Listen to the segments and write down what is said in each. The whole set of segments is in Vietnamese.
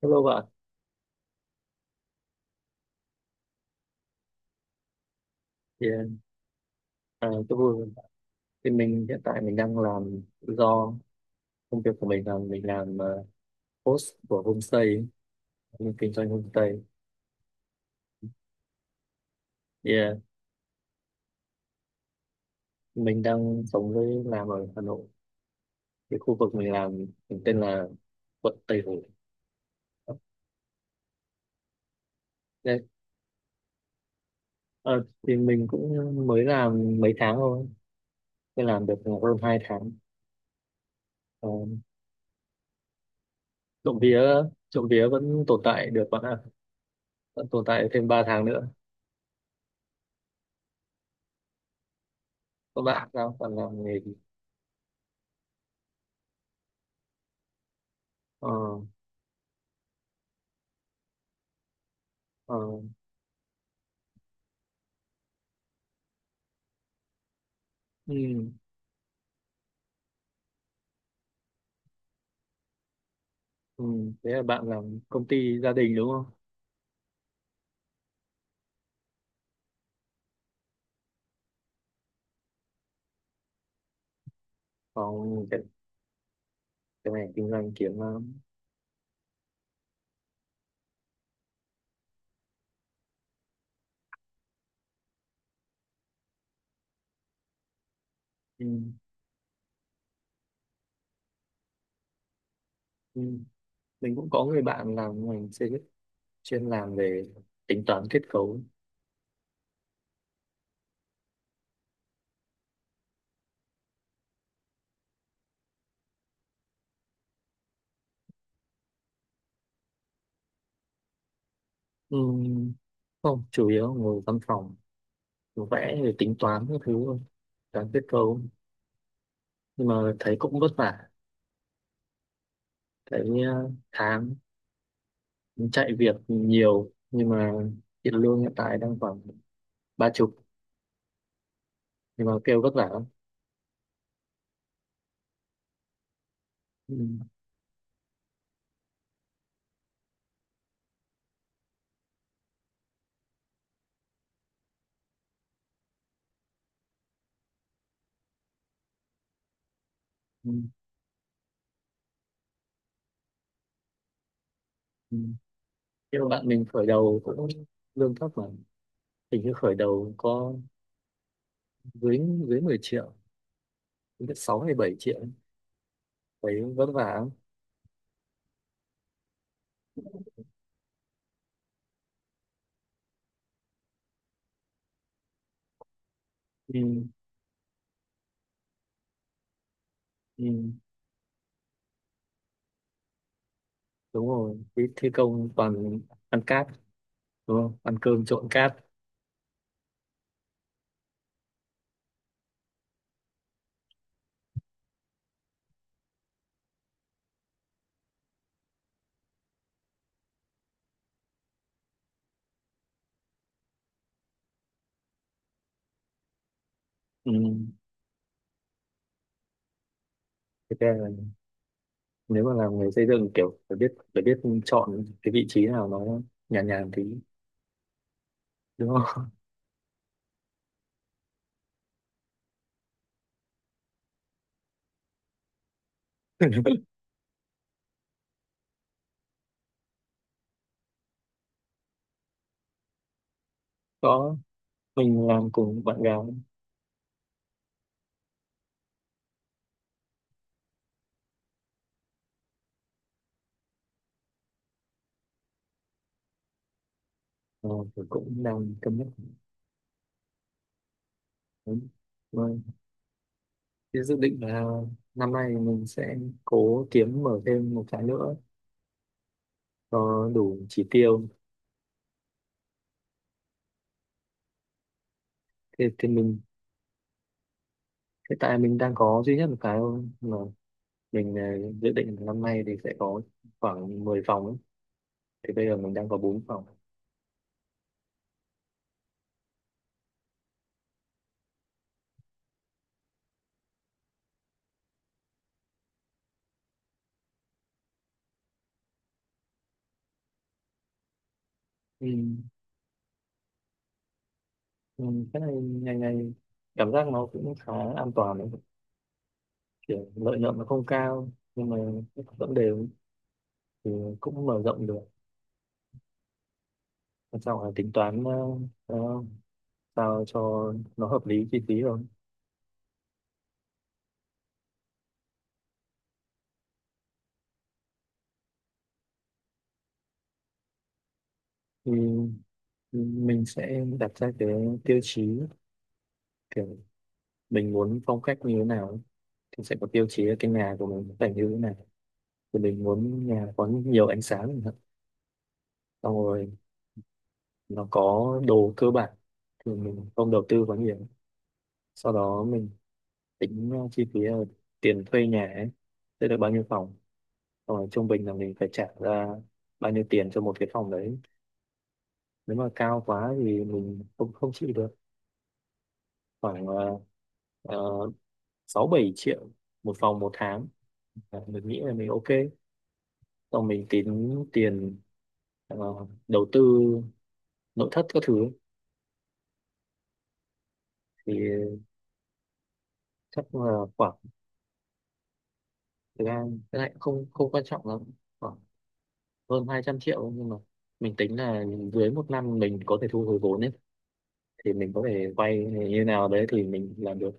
Hello bạn, thì tôi vui. Thì hiện tại mình đang làm công việc của mình là mình làm host của homestay, ấy. Mình kinh doanh homestay. Thì mình đang sống với làm ở Hà Nội. Cái khu vực mình làm mình tên là quận Tây Hồ. Đấy. Ờ, thì mình cũng mới làm mấy tháng thôi, mới làm được hơn 2 tháng. Ờ, Trộm vía, trộm vía vẫn tồn tại được bạn ạ, vẫn tồn tại thêm 3 tháng nữa. Các bạn sao? Bạn làm nghề gì? Ờ, ờ. Ừ. Ừ, thế là bạn làm công ty gia đình đúng không? Còn cái này kinh doanh kiếm lắm. Ừ, ừ. Mình cũng có người bạn làm ngành xây dựng chuyên làm về tính toán kết cấu. Ừ, không, chủ yếu ngồi văn phòng, vẽ rồi tính toán các thứ thôi, toán kết cấu. Nhưng mà thấy cũng vất vả, thấy tháng chạy việc nhiều nhưng mà tiền lương hiện tại đang khoảng ba chục nhưng mà kêu vất vả lắm. Ừ, ừ, ừ. Nhưng mà bạn mình khởi đầu cũng lương thấp mà hình như khởi đầu có dưới dưới 10 triệu đến 6 hay 7 triệu ấy. Thấy vất vả lắm. Ừ, ừ, đúng rồi. Cái thi công toàn ăn cát, đúng không? Ăn cơm trộn cát. Ừ. Thế ra là nếu mà làm người xây dựng kiểu phải biết chọn cái vị trí nào nó nhàn nhàn tí, đúng không? Có, mình làm cùng bạn gái. Ờ, thì cũng đang cân nhắc. Đúng rồi. Thế dự định là năm nay mình sẽ cố kiếm mở thêm một cái nữa cho đủ chỉ tiêu. Thì hiện tại mình đang có duy nhất một cái thôi mà mình dự định là năm nay thì sẽ có khoảng 10 phòng ấy. Thì bây giờ mình đang có bốn phòng. Ừ. Ừ. Cái này ngày ngày cảm giác nó cũng khá an toàn đấy. Kiểu lợi nhuận nó không cao nhưng mà vẫn đều, thì cũng mở rộng được. Quan trọng là tính toán ờ, sao cho nó hợp lý chi phí rồi. Thì mình sẽ đặt ra cái tiêu chí kiểu mình muốn phong cách như thế nào, thì sẽ có tiêu chí là cái nhà của mình phải như thế nào, thì mình muốn nhà có nhiều ánh sáng chẳng hạn. Xong rồi nó có đồ cơ bản thì mình không đầu tư quá nhiều. Sau đó mình tính chi phí là tiền thuê nhà ấy sẽ được bao nhiêu phòng, xong rồi trung bình là mình phải trả ra bao nhiêu tiền cho một cái phòng đấy. Nếu mà cao quá thì mình không không chịu được. Khoảng 6 7 triệu một phòng một tháng. À, mình nghĩ là mình ok. Xong mình tính tiền ờ, đầu tư nội thất các thứ. Thì chắc là khoảng, thực ra cái này cũng không không quan trọng lắm, khoảng hơn 200 triệu, nhưng mà mình tính là dưới một năm mình có thể thu hồi vốn ấy, thì mình có thể vay như nào đấy thì mình làm được.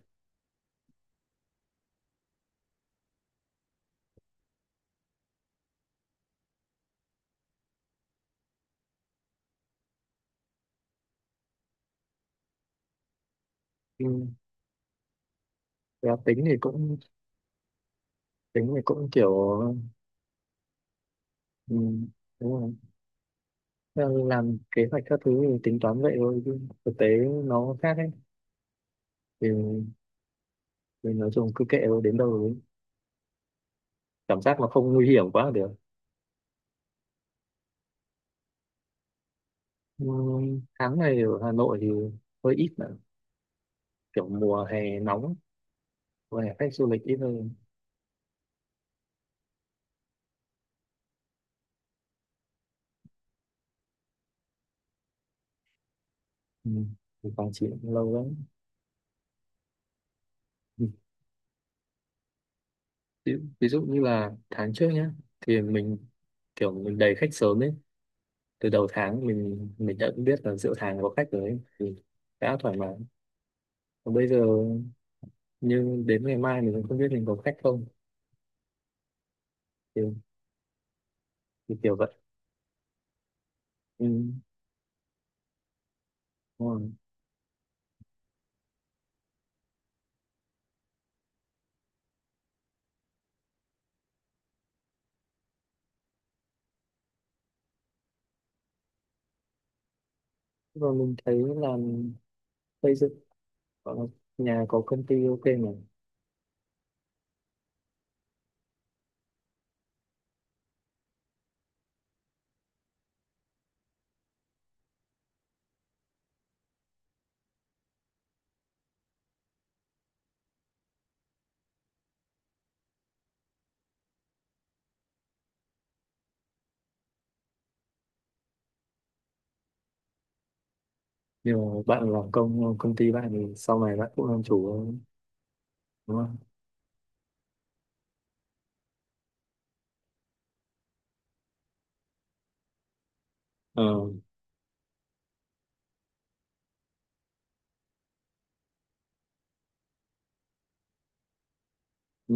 Ừ. Và tính thì cũng kiểu. Ừ, đúng rồi. Theo làm kế hoạch các thứ thì tính toán vậy thôi chứ thực tế nó khác ấy. Thì, thì nói chung cứ kệ thôi đến đâu đấy, cảm giác nó không nguy hiểm quá là được. Ừ, tháng này ở Hà Nội thì hơi ít nữa. Kiểu mùa hè nóng và khách du lịch ít hơn. Ừ. Thì Quảng Trị cũng lâu lắm. Ừ. ví, ví dụ như là tháng trước nhá, thì mình kiểu mình đầy khách sớm ấy. Từ đầu tháng mình đã biết là giữa tháng có khách rồi ấy. Thì đã thoải mái, còn bây giờ nhưng đến ngày mai mình cũng không biết mình có khách không. Thì, thì kiểu vậy. Ừ. Đúng rồi. Rồi mình thấy là xây dựng ở nhà có công ty ok mà. Nhưng mà bạn làm công công ty bạn thì sau này bạn cũng làm chủ thôi, đúng không? Ờ. Ừ.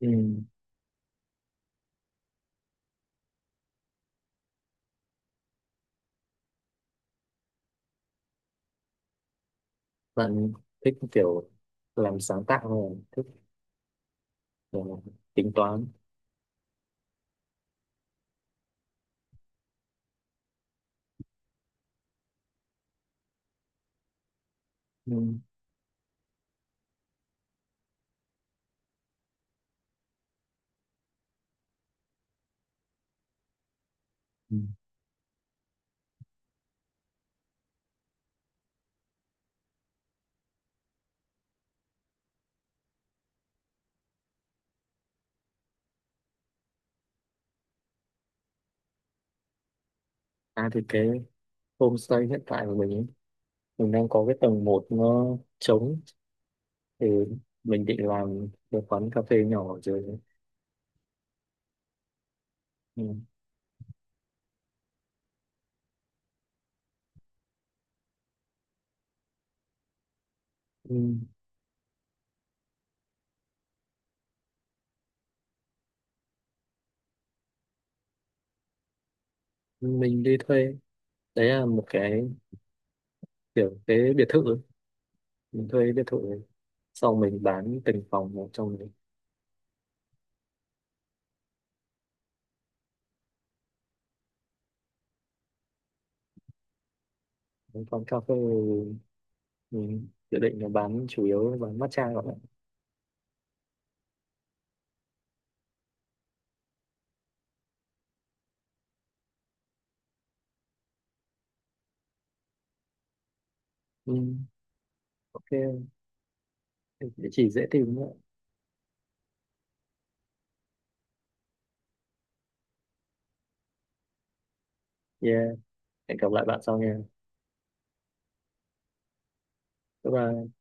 Ừ. Bạn thích kiểu làm sáng tạo hơn, thích kiểu tính toán. Ừ. Ừ. À thì cái homestay hiện tại của mình ấy, mình đang có cái tầng một nó trống, thì mình định làm một quán cà phê nhỏ ở dưới đấy. Ừ. Ừ. Mình đi thuê. Đấy là một cái kiểu cái biệt thự ấy. Mình thuê biệt thự ấy. Sau mình bán từng phòng một trong đấy. Còn cà phê thì mình dự định là bán chủ yếu bán matcha các bạn. Ừ, ok, địa chỉ dễ tìm nhé. Yeah, hẹn gặp lại bạn sau nha. Bye bye.